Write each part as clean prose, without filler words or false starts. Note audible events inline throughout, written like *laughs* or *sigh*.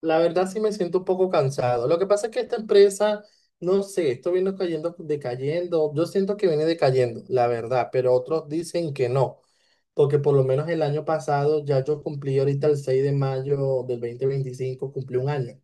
La verdad sí me siento un poco cansado. Lo que pasa es que esta empresa, no sé, esto viene cayendo, decayendo. Yo siento que viene decayendo, la verdad, pero otros dicen que no, porque por lo menos el año pasado ya yo cumplí ahorita el 6 de mayo de 2025 cumplí un año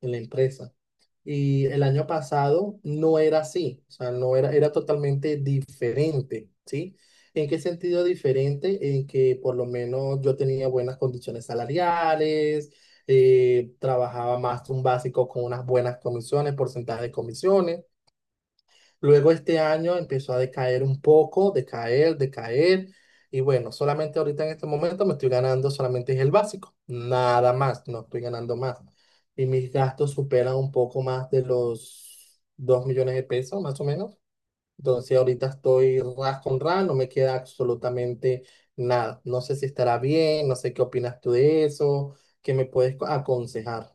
en la empresa. Y el año pasado no era así, o sea, no era, era totalmente diferente, ¿sí? ¿En qué sentido diferente? En que por lo menos yo tenía buenas condiciones salariales, trabajaba más un básico con unas buenas comisiones, porcentaje de comisiones. Luego este año empezó a decaer un poco, decaer, decaer. Y bueno, solamente ahorita en este momento me estoy ganando solamente es el básico, nada más, no estoy ganando más. Y mis gastos superan un poco más de los 2 millones de pesos, más o menos. Entonces ahorita estoy ras con ras, no me queda absolutamente nada. No sé si estará bien, no sé qué opinas tú de eso, qué me puedes aconsejar.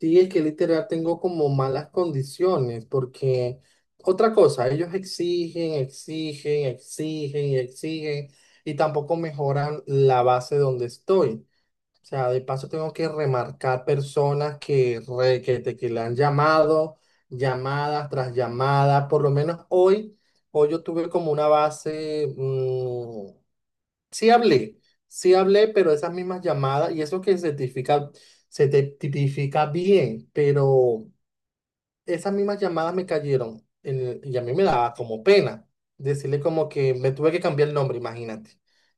Sí, es que literal tengo como malas condiciones, porque otra cosa, ellos exigen, exigen, exigen y exigen, y tampoco mejoran la base donde estoy. O sea, de paso tengo que remarcar personas que, re- que, te- que le han llamado, llamadas tras llamadas. Por lo menos hoy, hoy yo tuve como una base, sí hablé, sí hablé, pero esas mismas llamadas, y eso que se tipifica, se te tipifica bien, pero esas mismas llamadas me cayeron y a mí me daba como pena decirle como que me tuve que cambiar el nombre, imagínate.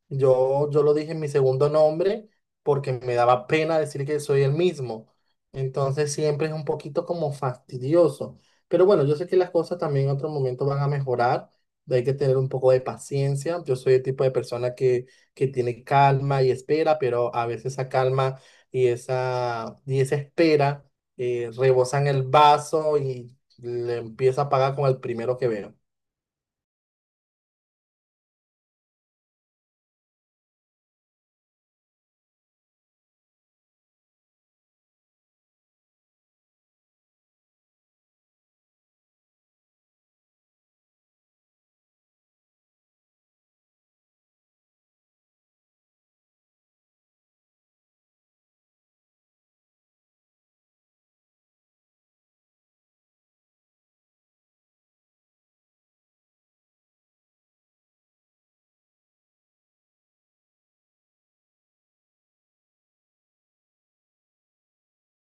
Yo lo dije en mi segundo nombre porque me daba pena decir que soy el mismo. Entonces siempre es un poquito como fastidioso. Pero bueno, yo sé que las cosas también en otro momento van a mejorar. Hay que tener un poco de paciencia. Yo soy el tipo de persona que tiene calma y espera, pero a veces esa calma y esa espera rebosan el vaso y le empieza a pagar con el primero que veo.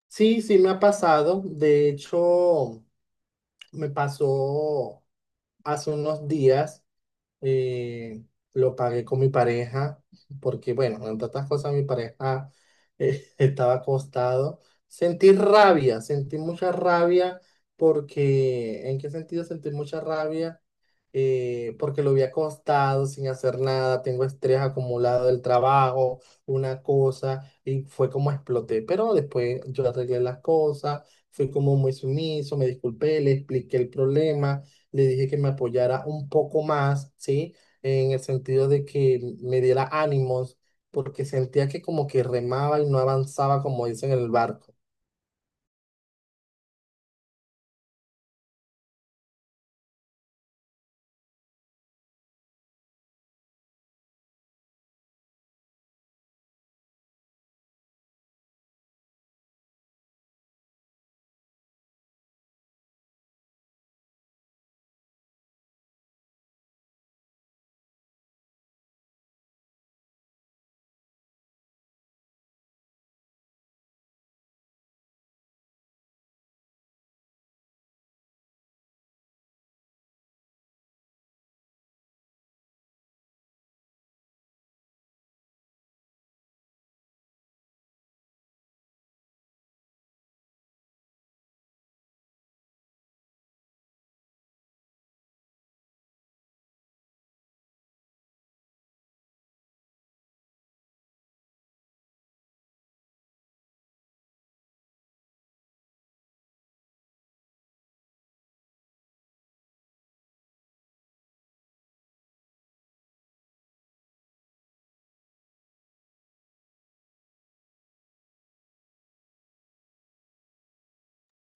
Sí, sí me ha pasado. De hecho, me pasó hace unos días, eh, lo pagué con mi pareja, porque bueno, entre otras cosas mi pareja *laughs* estaba acostado. Sentí rabia, sentí mucha rabia, porque ¿en qué sentido sentí mucha rabia? Porque lo había acostado sin hacer nada, tengo estrés acumulado del trabajo, una cosa, y fue como exploté. Pero después yo arreglé las cosas, fui como muy sumiso, me disculpé, le expliqué el problema, le dije que me apoyara un poco más, ¿sí? En el sentido de que me diera ánimos, porque sentía que como que remaba y no avanzaba, como dicen en el barco.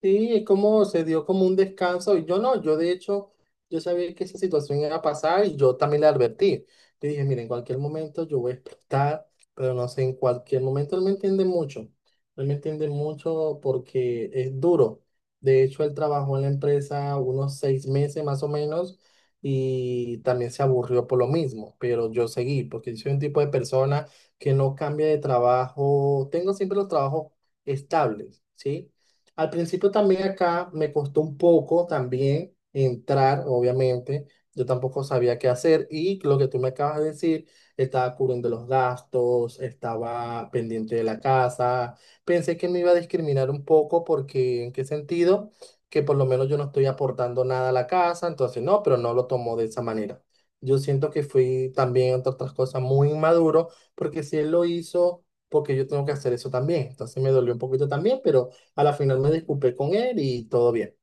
Sí, es como se dio como un descanso. Y Yo no, Yo de hecho, yo sabía que esa situación iba a pasar y yo también le advertí. Le dije, mira, en cualquier momento yo voy a explotar, pero no sé, en cualquier momento él me entiende mucho. Él me entiende mucho porque es duro. De hecho, él trabajó en la empresa unos 6 meses más o menos y también se aburrió por lo mismo, pero yo seguí porque yo soy un tipo de persona que no cambia de trabajo. Tengo siempre los trabajos estables, ¿sí? Al principio también acá me costó un poco también entrar, obviamente. Yo tampoco sabía qué hacer y lo que tú me acabas de decir, estaba cubriendo los gastos, estaba pendiente de la casa. Pensé que me iba a discriminar un poco porque, ¿en qué sentido? Que por lo menos yo no estoy aportando nada a la casa, entonces no, pero no lo tomó de esa manera. Yo siento que fui también, entre otras cosas, muy inmaduro porque si él lo hizo, porque yo tengo que hacer eso también. Entonces me dolió un poquito también, pero... A la final me disculpé con él y todo bien.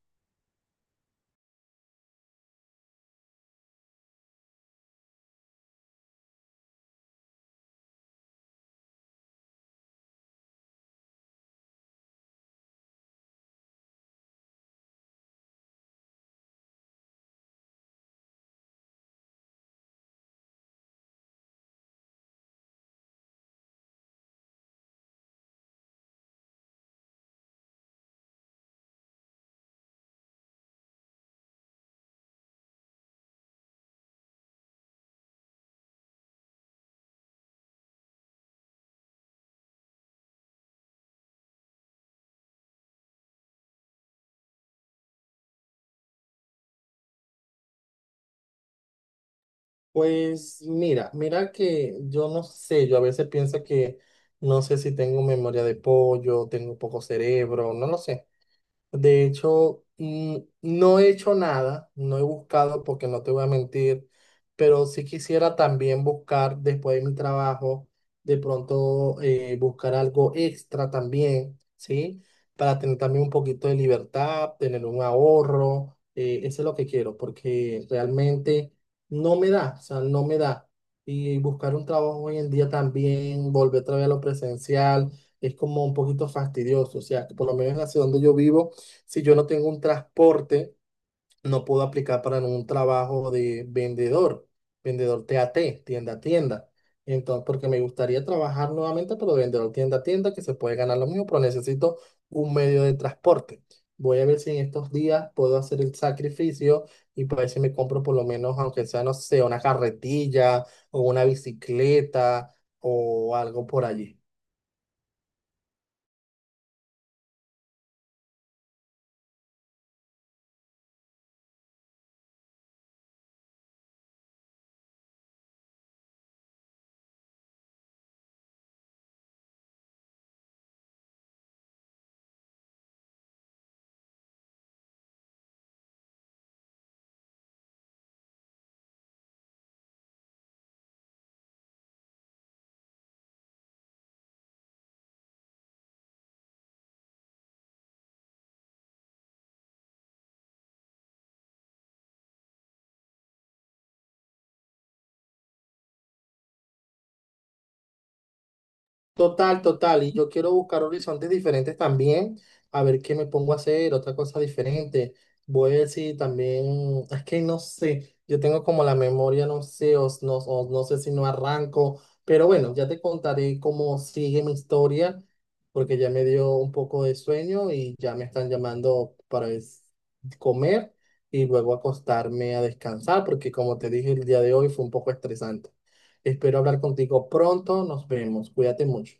Pues mira, mira que yo no sé, yo a veces pienso que no sé si tengo memoria de pollo, tengo poco cerebro, no lo sé. De hecho, no he hecho nada, no he buscado porque no te voy a mentir, pero sí quisiera también buscar después de mi trabajo, de pronto buscar algo extra también, ¿sí? Para tener también un poquito de libertad, tener un ahorro, eso es lo que quiero, porque realmente no me da, o sea, no me da. Y buscar un trabajo hoy en día también, volver otra vez a lo presencial, es como un poquito fastidioso, o sea, que por lo menos en la ciudad donde yo vivo si yo no tengo un transporte, no puedo aplicar para un trabajo de vendedor, vendedor TAT, tienda a tienda. Entonces, porque me gustaría trabajar nuevamente, pero de vendedor tienda a tienda, que se puede ganar lo mismo, pero necesito un medio de transporte. Voy a ver si en estos días puedo hacer el sacrificio y para ver si me compro por lo menos, aunque sea, no sé, una carretilla o una bicicleta o algo por allí. Total, total. Y yo quiero buscar horizontes diferentes también, a ver qué me pongo a hacer, otra cosa diferente. Voy a ver si también, es que no sé, yo tengo como la memoria, no sé, o no sé si no arranco, pero bueno, ya te contaré cómo sigue mi historia, porque ya me dio un poco de sueño y ya me están llamando para comer y luego acostarme a descansar, porque como te dije, el día de hoy fue un poco estresante. Espero hablar contigo pronto, nos vemos, cuídate mucho.